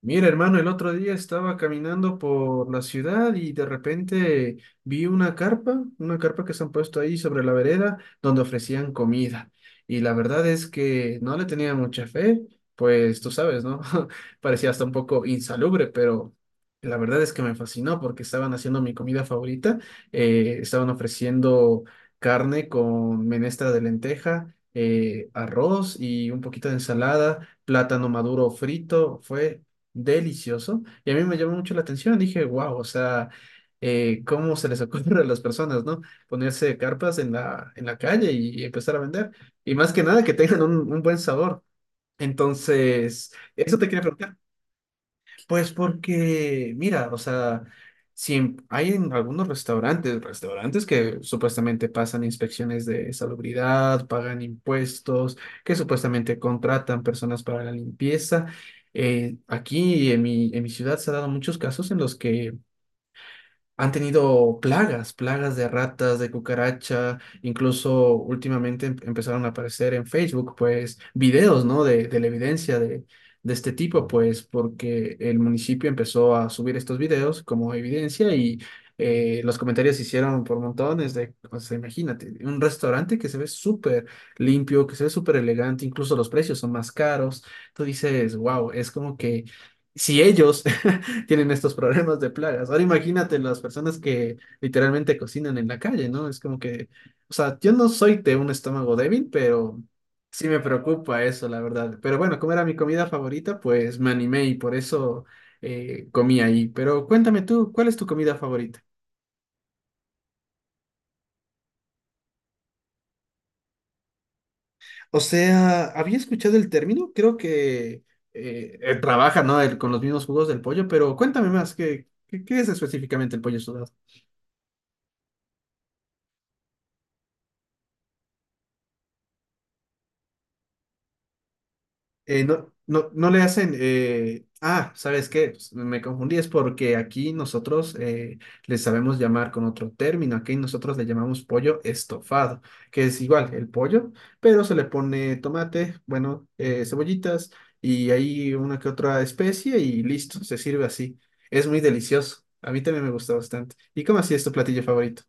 Mira, hermano, el otro día estaba caminando por la ciudad y de repente vi una carpa que se han puesto ahí sobre la vereda donde ofrecían comida. Y la verdad es que no le tenía mucha fe, pues tú sabes, ¿no? Parecía hasta un poco insalubre, pero la verdad es que me fascinó porque estaban haciendo mi comida favorita. Estaban ofreciendo carne con menestra de lenteja, arroz y un poquito de ensalada plátano maduro frito, fue delicioso y a mí me llamó mucho la atención. Dije, wow, o sea, ¿cómo se les ocurre a las personas?, ¿no? Ponerse carpas en la calle y empezar a vender. Y más que nada, que tengan un buen sabor. Entonces, eso te quería preguntar. Pues porque, mira, o sea, si en- hay en algunos restaurantes que supuestamente pasan inspecciones de salubridad, pagan impuestos, que supuestamente contratan personas para la limpieza. Aquí en mi ciudad se han dado muchos casos en los que han tenido plagas de ratas, de cucaracha, incluso últimamente empezaron a aparecer en Facebook, pues, videos, ¿no? De la evidencia de este tipo, pues, porque el municipio empezó a subir estos videos como evidencia y los comentarios se hicieron por montones de, o sea, imagínate, un restaurante que se ve súper limpio, que se ve súper elegante, incluso los precios son más caros. Tú dices, wow, es como que si ellos tienen estos problemas de plagas. Ahora imagínate las personas que literalmente cocinan en la calle, ¿no? Es como que, o sea, yo no soy de un estómago débil, pero sí me preocupa eso, la verdad. Pero bueno, como era mi comida favorita, pues me animé y por eso comí ahí. Pero cuéntame tú, ¿cuál es tu comida favorita? O sea, había escuchado el término, creo que trabaja, ¿no? Con los mismos jugos del pollo, pero cuéntame más, ¿qué es específicamente el pollo sudado? No, no, no le hacen. Ah, ¿sabes qué? Pues, me confundí, es porque aquí nosotros le sabemos llamar con otro término. Aquí nosotros le llamamos pollo estofado, que es igual el pollo, pero se le pone tomate, bueno, cebollitas y ahí una que otra especie y listo, se sirve así. Es muy delicioso. A mí también me gusta bastante. ¿Y cómo así es tu platillo favorito?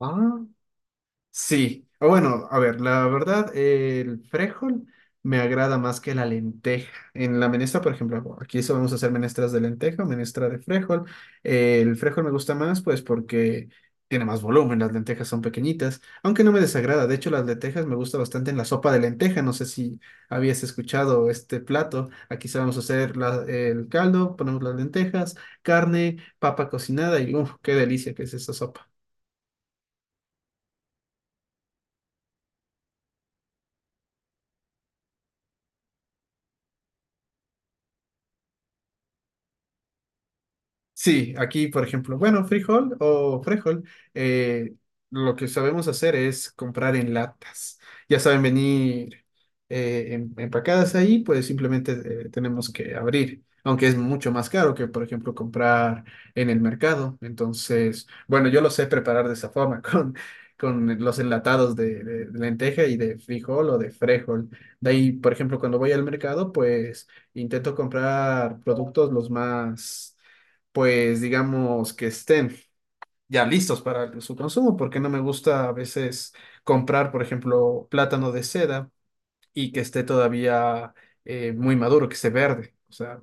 Ah. Sí, o bueno, a ver, la verdad, el frijol me agrada más que la lenteja. En la menestra, por ejemplo, aquí solemos hacer menestras de lenteja, menestra de frijol. El frijol me gusta más, pues, porque tiene más volumen, las lentejas son pequeñitas, aunque no me desagrada. De hecho, las lentejas me gusta bastante en la sopa de lenteja. No sé si habías escuchado este plato. Aquí solemos hacer el caldo, ponemos las lentejas, carne, papa cocinada y, uff, qué delicia que es esa sopa. Sí, aquí, por ejemplo, bueno, frijol o frijol, eh, lo que sabemos hacer es comprar en latas. Ya saben venir empacadas ahí, pues simplemente tenemos que abrir, aunque es mucho más caro que, por ejemplo, comprar en el mercado. Entonces, bueno, yo lo sé preparar de esa forma, con los enlatados de lenteja y de frijol o de frejol. De ahí, por ejemplo, cuando voy al mercado, pues intento comprar productos los más pues digamos que estén ya listos para su consumo, porque no me gusta a veces comprar, por ejemplo, plátano de seda y que esté todavía muy maduro, que esté verde. O sea,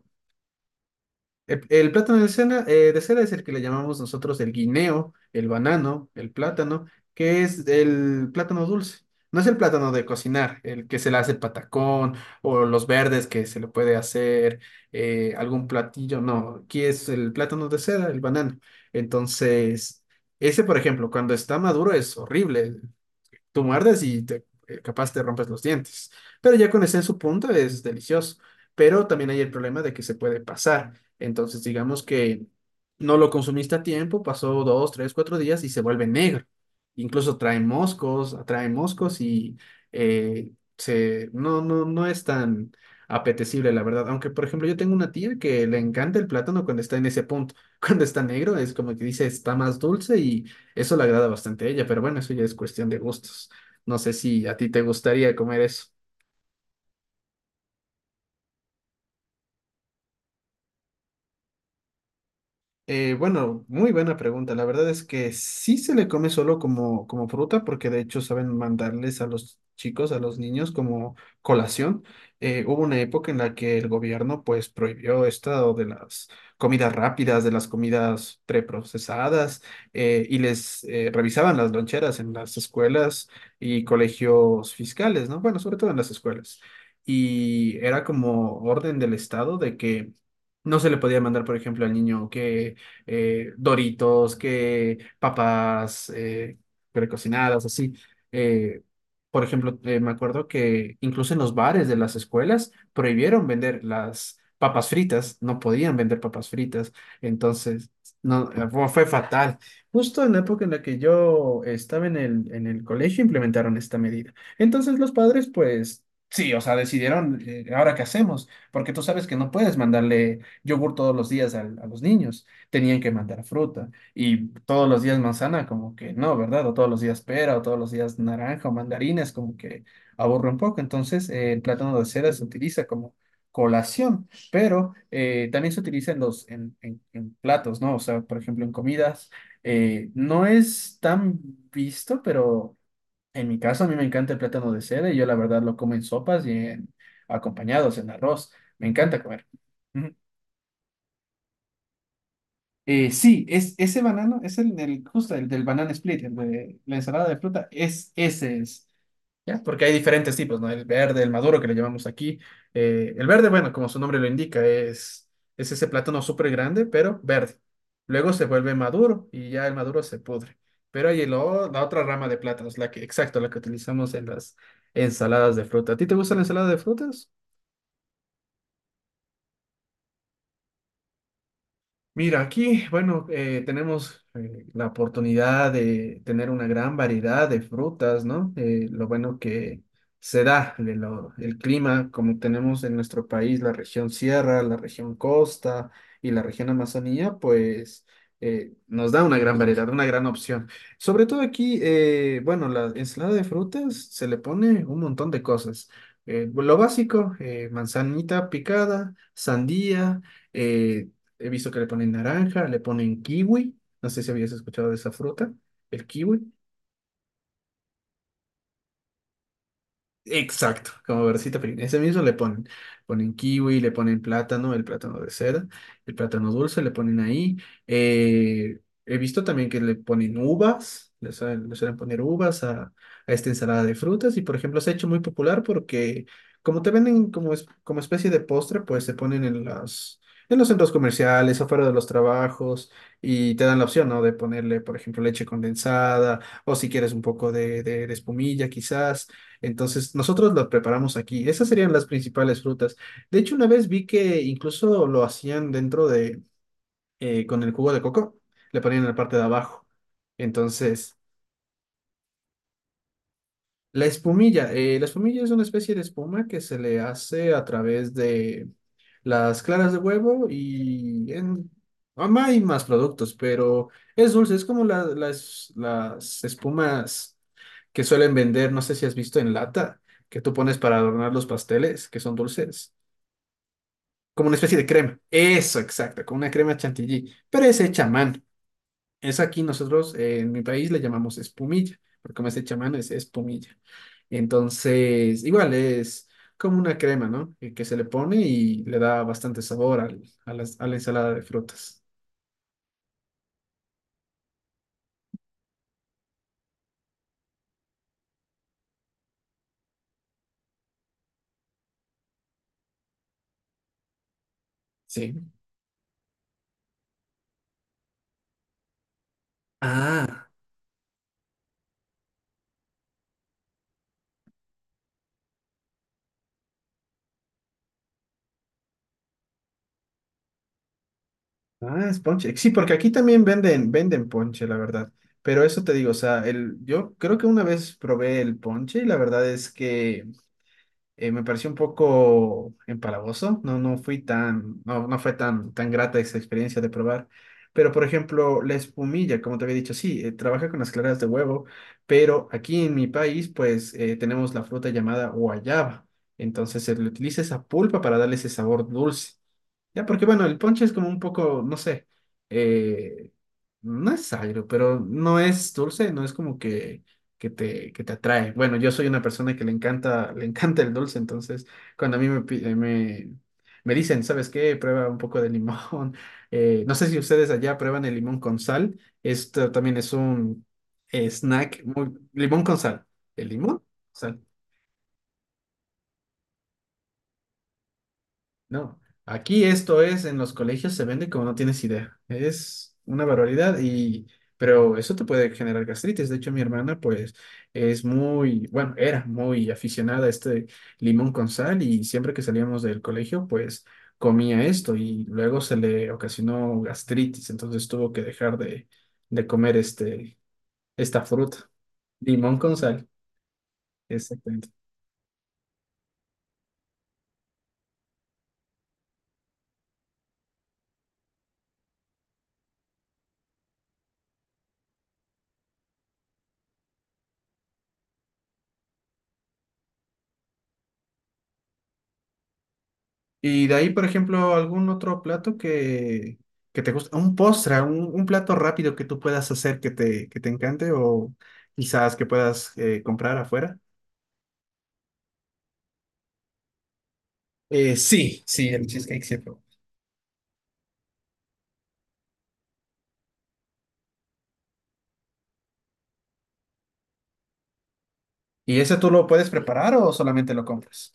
el plátano de cera es el que le llamamos nosotros el guineo, el banano, el plátano, que es el plátano dulce. No es el plátano de cocinar, el que se le hace patacón o los verdes que se le puede hacer algún platillo. No, aquí es el plátano de cera, el banano. Entonces, ese, por ejemplo, cuando está maduro es horrible, tú muerdes y capaz te rompes los dientes. Pero ya con ese en su punto es delicioso. Pero también hay el problema de que se puede pasar. Entonces, digamos que no lo consumiste a tiempo, pasó 2, 3, 4 días y se vuelve negro. Incluso trae moscos, atrae moscos y eh, no, no, no es tan apetecible, la verdad. Aunque, por ejemplo, yo tengo una tía que le encanta el plátano cuando está en ese punto. Cuando está negro, es como que dice, está más dulce y eso le agrada bastante a ella, pero bueno, eso ya es cuestión de gustos. No sé si a ti te gustaría comer eso. Bueno, muy buena pregunta. La verdad es que sí se le come solo como, fruta, porque de hecho saben mandarles a los chicos, a los niños como colación. Hubo una época en la que el gobierno pues prohibió esto de las comidas rápidas, de las comidas preprocesadas, y les revisaban las loncheras en las escuelas y colegios fiscales, ¿no? Bueno, sobre todo en las escuelas. Y era como orden del Estado de que... No se le podía mandar, por ejemplo, al niño que Doritos, que papas precocinadas, así. Eh, por ejemplo, me acuerdo que incluso en los bares de las escuelas prohibieron vender las papas fritas, no podían vender papas fritas, entonces no, fue fatal. Justo en la época en la que yo estaba en el colegio implementaron esta medida. Entonces los padres, pues... Sí, o sea, decidieron, ¿ahora qué hacemos? Porque tú sabes que no puedes mandarle yogur todos los días a los niños tenían que mandar fruta. Y todos los días manzana, como que no, ¿verdad? O todos los días pera, o todos los días naranja o mandarines como que aburre un poco. Entonces, el plátano de cera se utiliza como colación, pero también se utiliza en platos, ¿no? O sea, por ejemplo, en comidas. No es tan visto, pero en mi caso a mí me encanta el plátano de cera y yo la verdad lo como en sopas y en acompañados, en arroz. Me encanta comer. Sí, es ese banano, es el del, justo el del banana split, el de la ensalada de fruta, es ese es. ¿Ya? Porque hay diferentes tipos, ¿no? El verde, el maduro que le llamamos aquí. El verde, bueno, como su nombre lo indica, es ese plátano súper grande, pero verde. Luego se vuelve maduro y ya el maduro se pudre. Pero hay el la otra rama de plátanos, la que, exacto, la que utilizamos en las ensaladas de fruta. ¿A ti te gusta la ensalada de frutas? Mira, aquí, bueno, tenemos la oportunidad de tener una gran variedad de frutas, ¿no? Lo bueno que se da de el clima, como tenemos en nuestro país la región sierra, la región costa y la región Amazonía, pues nos da una gran variedad, una gran opción. Sobre todo aquí, bueno, la ensalada de frutas se le pone un montón de cosas. Lo básico, manzanita picada, sandía. eh, He visto que le ponen naranja, le ponen kiwi. No sé si habías escuchado de esa fruta, el kiwi. Exacto, como versita pequeña. Ese mismo le ponen kiwi, le ponen plátano, el plátano de seda, el plátano dulce, le ponen ahí. Eh, He visto también que le ponen uvas, le suelen poner uvas a esta ensalada de frutas y por ejemplo se ha hecho muy popular porque como te venden como, como especie de postre, pues se ponen en los centros comerciales, afuera de los trabajos y te dan la opción, ¿no? De ponerle, por ejemplo, leche condensada o si quieres un poco de espumilla quizás. Entonces, nosotros los preparamos aquí. Esas serían las principales frutas. De hecho, una vez vi que incluso lo hacían dentro de, con el jugo de coco, le ponían en la parte de abajo. Entonces, la espumilla es una especie de espuma que se le hace a través de las claras de huevo y en... Hay más productos, pero es dulce, es como las espumas que suelen vender, no sé si has visto en lata, que tú pones para adornar los pasteles, que son dulces, como una especie de crema. Eso, exacto, como una crema chantilly, pero es hecha a mano. Es aquí nosotros, en mi país, le llamamos espumilla, porque como es hecha a mano, es espumilla. Entonces, igual es como una crema, ¿no? Que se le pone y le da bastante sabor a la ensalada de frutas. Sí. Ah, ah, es ponche. Sí, porque aquí también venden ponche, la verdad. Pero eso te digo, o sea, yo creo que una vez probé el ponche y la verdad es que me pareció un poco empalagoso, no fue tan grata esa experiencia de probar. Pero, por ejemplo, la espumilla, como te había dicho, sí, trabaja con las claras de huevo, pero aquí en mi país, pues, tenemos la fruta llamada guayaba. Entonces, se le utiliza esa pulpa para darle ese sabor dulce. Ya, porque bueno, el ponche es como un poco, no sé, eh, no es agrio, pero no es dulce, no es como que te atrae. Bueno, yo soy una persona que le encanta, le encanta el dulce, entonces cuando a mí me dicen, ¿sabes qué? Prueba un poco de limón. No sé si ustedes allá prueban el limón con sal. Esto también es un snack muy... Limón con sal. El limón, sal. No, aquí esto es, en los colegios se vende como no tienes idea. Es una barbaridad pero eso te puede generar gastritis. De hecho, mi hermana, pues, bueno, era muy aficionada a este limón con sal y siempre que salíamos del colegio, pues, comía esto y luego se le ocasionó gastritis. Entonces tuvo que dejar de comer esta fruta, limón con sal. Exactamente. Y de ahí, por ejemplo, algún otro plato que te guste, un postre, un plato rápido que tú puedas hacer que te encante o quizás que puedas comprar afuera. Sí, sí, el cheesecake siempre. ¿Y ese tú lo puedes preparar o solamente lo compras?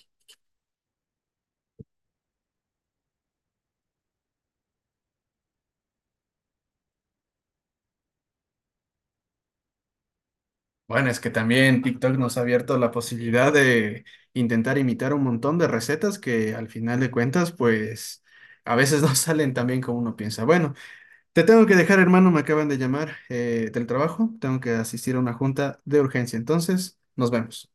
Bueno, es que también TikTok nos ha abierto la posibilidad de intentar imitar un montón de recetas que al final de cuentas, pues a veces no salen tan bien como uno piensa. Bueno, te tengo que dejar, hermano, me acaban de llamar del trabajo, tengo que asistir a una junta de urgencia, entonces nos vemos.